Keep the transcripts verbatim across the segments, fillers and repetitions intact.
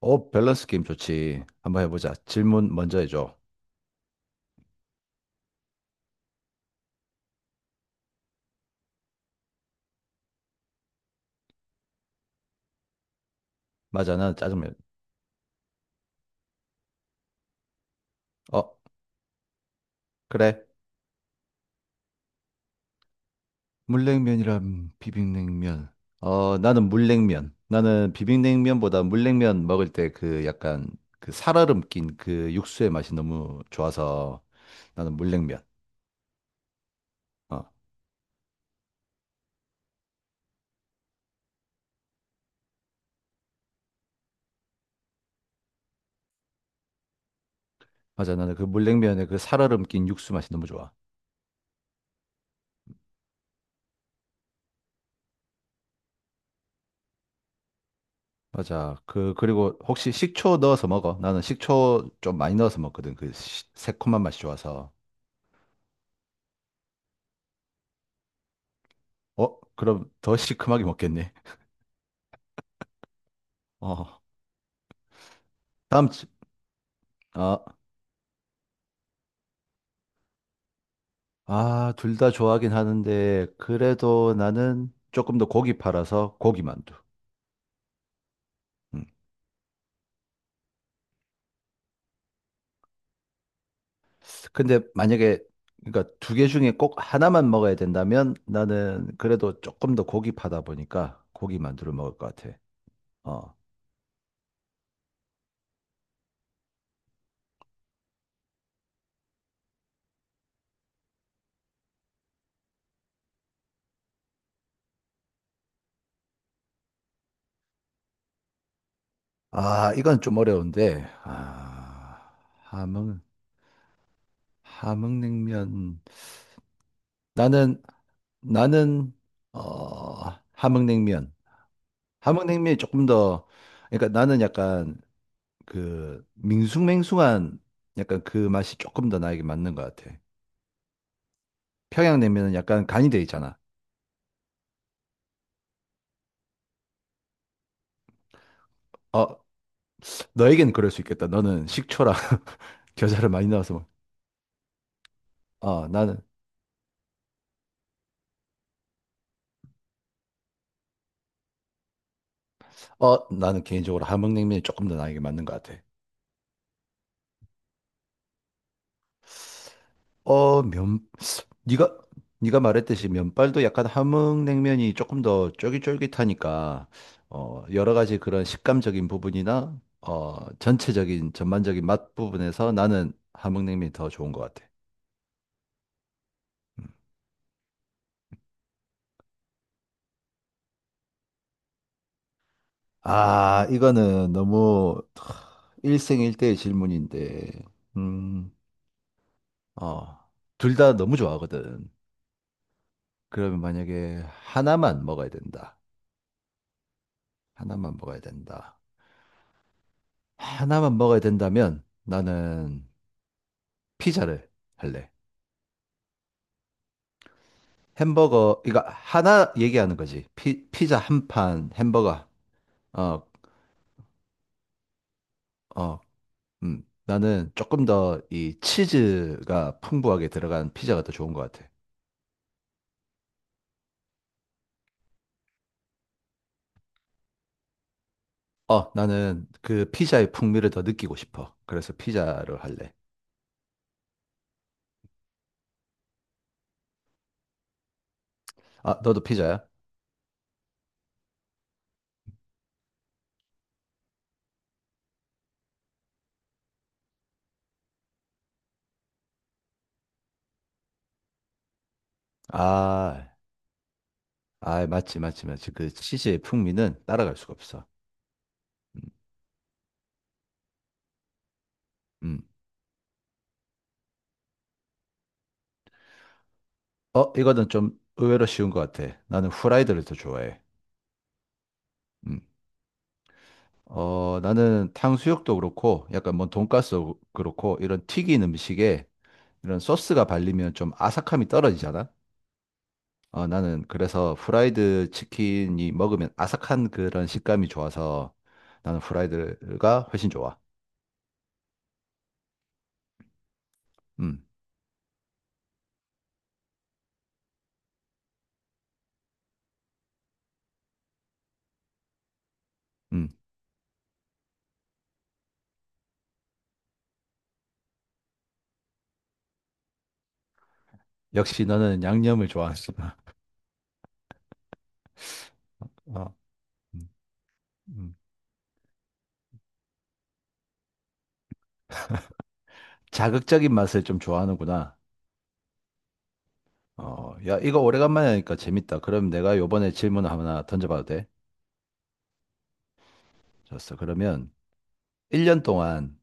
어, 밸런스 게임 좋지. 한번 해보자. 질문 먼저 해줘. 맞아, 나는 짜장면. 어, 그래. 물냉면이랑 비빔냉면. 어, 나는 물냉면. 나는 비빔냉면보다 물냉면 먹을 때 그 약간 그 살얼음 낀 그 육수의 맛이 너무 좋아서 나는 물냉면. 어, 맞아. 나는 그 물냉면에 그 살얼음 낀 육수 맛이 너무 좋아. 맞아. 그, 그리고 혹시 식초 넣어서 먹어? 나는 식초 좀 많이 넣어서 먹거든. 그 시- 새콤한 맛이 좋아서. 어, 그럼 더 시큼하게 먹겠니? 어, 다음, 주- 아, 아, 둘 다 좋아하긴 하는데, 그래도 나는 조금 더 고기 팔아서 고기만두. 음. 근데 만약에, 그러니까 두 개 중에 꼭 하나만 먹어야 된다면 나는 그래도 조금 더 고기 파다 보니까 고기만두를 먹을 것 같아. 어. 아, 이건 좀 어려운데, 아, 함흥, 함흥냉면. 나는, 나는, 어, 함흥냉면. 함흥냉면이 조금 더, 그러니까 나는 약간 그 밍숭맹숭한 약간 그 맛이 조금 더 나에게 맞는 것 같아. 평양냉면은 약간 간이 돼 있잖아. 어, 너에겐 그럴 수 있겠다. 너는 식초랑 겨자를 많이 넣어서 먹-. 어, 나는 어, 나는 개인적으로 함흥냉면이 조금 더 나에게 맞는 것 같아. 어, 면 네가 네가 말했듯이 면발도 약간 함흥냉면이 조금 더 쫄깃쫄깃하니까 어, 여러 가지 그런 식감적인 부분이나 어, 전체적인 전반적인 맛 부분에서 나는 함흥냉면이 더 좋은 것 같아. 아, 이거는 너무 하, 일생일대의 질문인데, 음, 어, 둘 다 너무 좋아하거든. 그러면 만약에 하나만 먹어야 된다. 하나만 먹어야 된다. 하나만 먹어야 된다면 나는 피자를 할래. 햄버거, 이거 하나 얘기하는 거지. 피, 피자 한 판, 햄버거. 어, 어, 음. 나는 조금 더 이 치즈가 풍부하게 들어간 피자가 더 좋은 것 같아. 어, 나는 그 피자의 풍미를 더 느끼고 싶어. 그래서 피자를 할래. 아, 너도 피자야? 아, 아, 맞지, 맞지, 맞지. 그 치즈의 풍미는 따라갈 수가 없어. 음, 음. 어, 이거는 좀 의외로 쉬운 것 같아. 나는 후라이드를 더 좋아해. 음. 어, 나는 탕수육도 그렇고, 약간 뭐 돈가스도 그렇고, 이런 튀긴 음식에 이런 소스가 발리면 좀 아삭함이 떨어지잖아? 어, 나는 그래서 프라이드 치킨이 먹으면 아삭한 그런 식감이 좋아서 나는 프라이드가 훨씬 좋아. 음, 음. 역시 너는 양념을 좋아하는구나. 어, 음, 음. 자극적인 맛을 좀 좋아하는구나. 어, 야, 이거 오래간만에 하니까 재밌다. 그럼 내가 요번에 질문 하나 던져봐도 돼? 좋았어. 그러면 일 년 동안,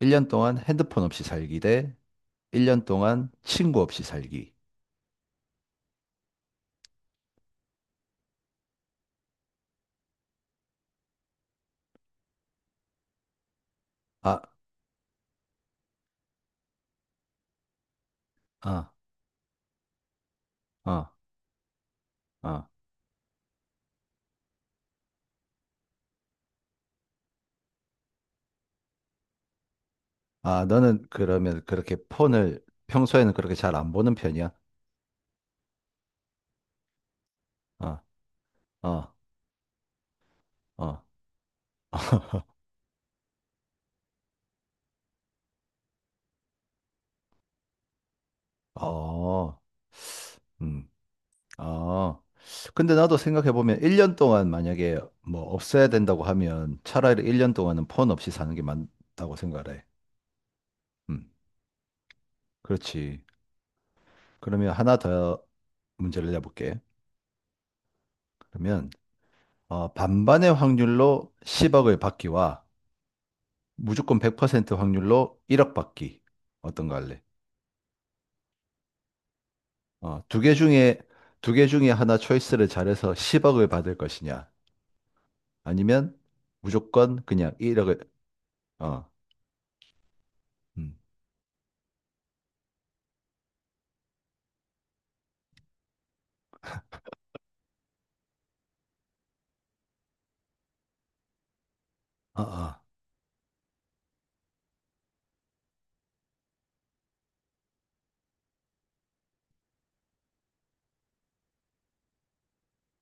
일 년 동안 핸드폰 없이 살기 대 일 년 동안 친구 없이 살기. 아, 아, 아, 아. 아, 너는 그러면 그렇게 폰을 평소에는 그렇게 잘 안 보는 편이야? 어, 어, 어, 어, 음, 어. 근데 나도 생각해보면 일 년 동안 만약에 뭐 없애야 된다고 하면 차라리 일 년 동안은 폰 없이 사는 게 맞다고 생각을 해. 음, 그렇지. 그러면 하나 더 문제를 내볼게. 그러면, 어, 반반의 확률로 십억을 받기와 무조건 백 퍼센트 확률로 일억 받기. 어떤 거 할래? 어, 두 개 중에, 두 개 중에 하나 초이스를 잘해서 십억을 받을 것이냐, 아니면 무조건 그냥 일억을, 어, 음, 어, 어,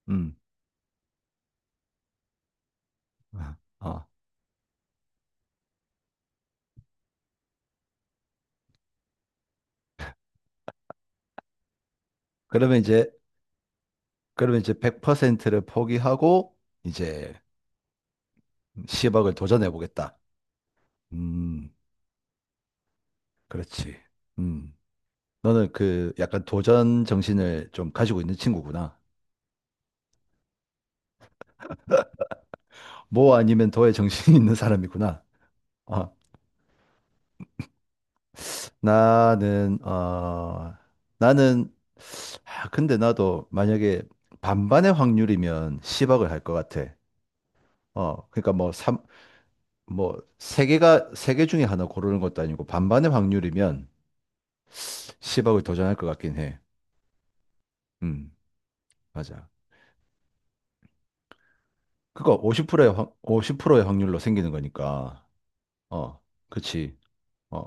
음, 어, 어. 그러면 이제, 그러면 이제 백 퍼센트를 포기하고, 이제 십억을 도전해 보겠다. 음, 그렇지. 음, 너는 그 약간 도전 정신을 좀 가지고 있는 친구구나. 뭐 아니면 더의 정신이 있는 사람이구나. 어, 나는, 어, 나는 아, 근데 나도 만약에 반반의 확률이면 십억을 할 것 같아. 어, 그러니까 뭐 삼, 뭐 세 개가 세 개 중에 하나 고르는 것도 아니고 반반의 확률이면 십억을 도전할 것 같긴 해. 음, 맞아. 그거 오십 프로의 확, 오십 프로의 확률로 생기는 거니까. 어, 그렇지. 어,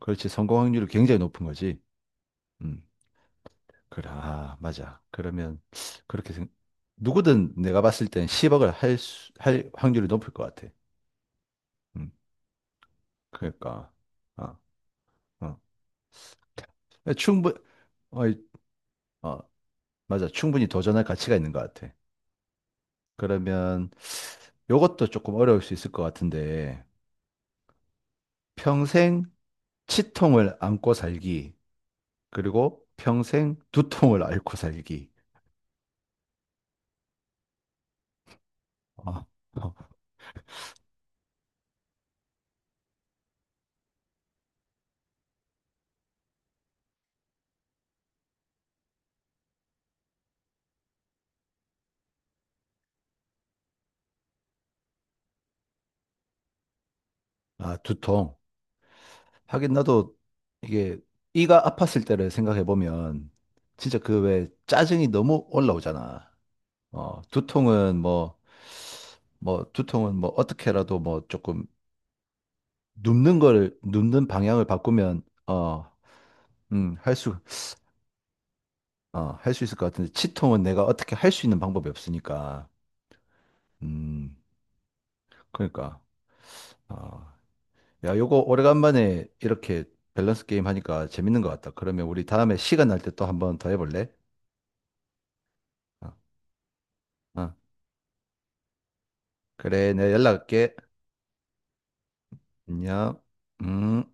그렇지. 성공 확률이 굉장히 높은 거지. 음, 그래. 아, 맞아. 그러면 그렇게 생, 누구든 내가 봤을 땐 십억을 할, 수- 할 확률이 높을 것 같아. 음. 그러니까, 아, 어. 충분 어, 이- 어, 맞아, 충분히 도전할 가치가 있는 것 같아. 그러면 요것도 조금 어려울 수 있을 것 같은데 평생 치통을 안고 살기 그리고 평생 두통을 앓고 살기. 아 어, 아 두통. 하긴 나도 이게 이가 아팠을 때를 생각해 보면 진짜 그 왜 짜증이 너무 올라오잖아. 어, 두통은 뭐, 뭐, 두통은 뭐, 어떻게라도 뭐, 조금, 눕는 걸 눕는 방향을 바꾸면, 어, 음, 할 수, 어, 할 수 있을 것 같은데, 치통은 내가 어떻게 할 수 있는 방법이 없으니까, 음, 그러니까, 어, 야, 요거 오래간만에 이렇게 밸런스 게임 하니까 재밌는 것 같다. 그러면 우리 다음에 시간 날 때 또 한번 더 해볼래? 어, 어, 그래, 내가 연락할게. 안녕. 음.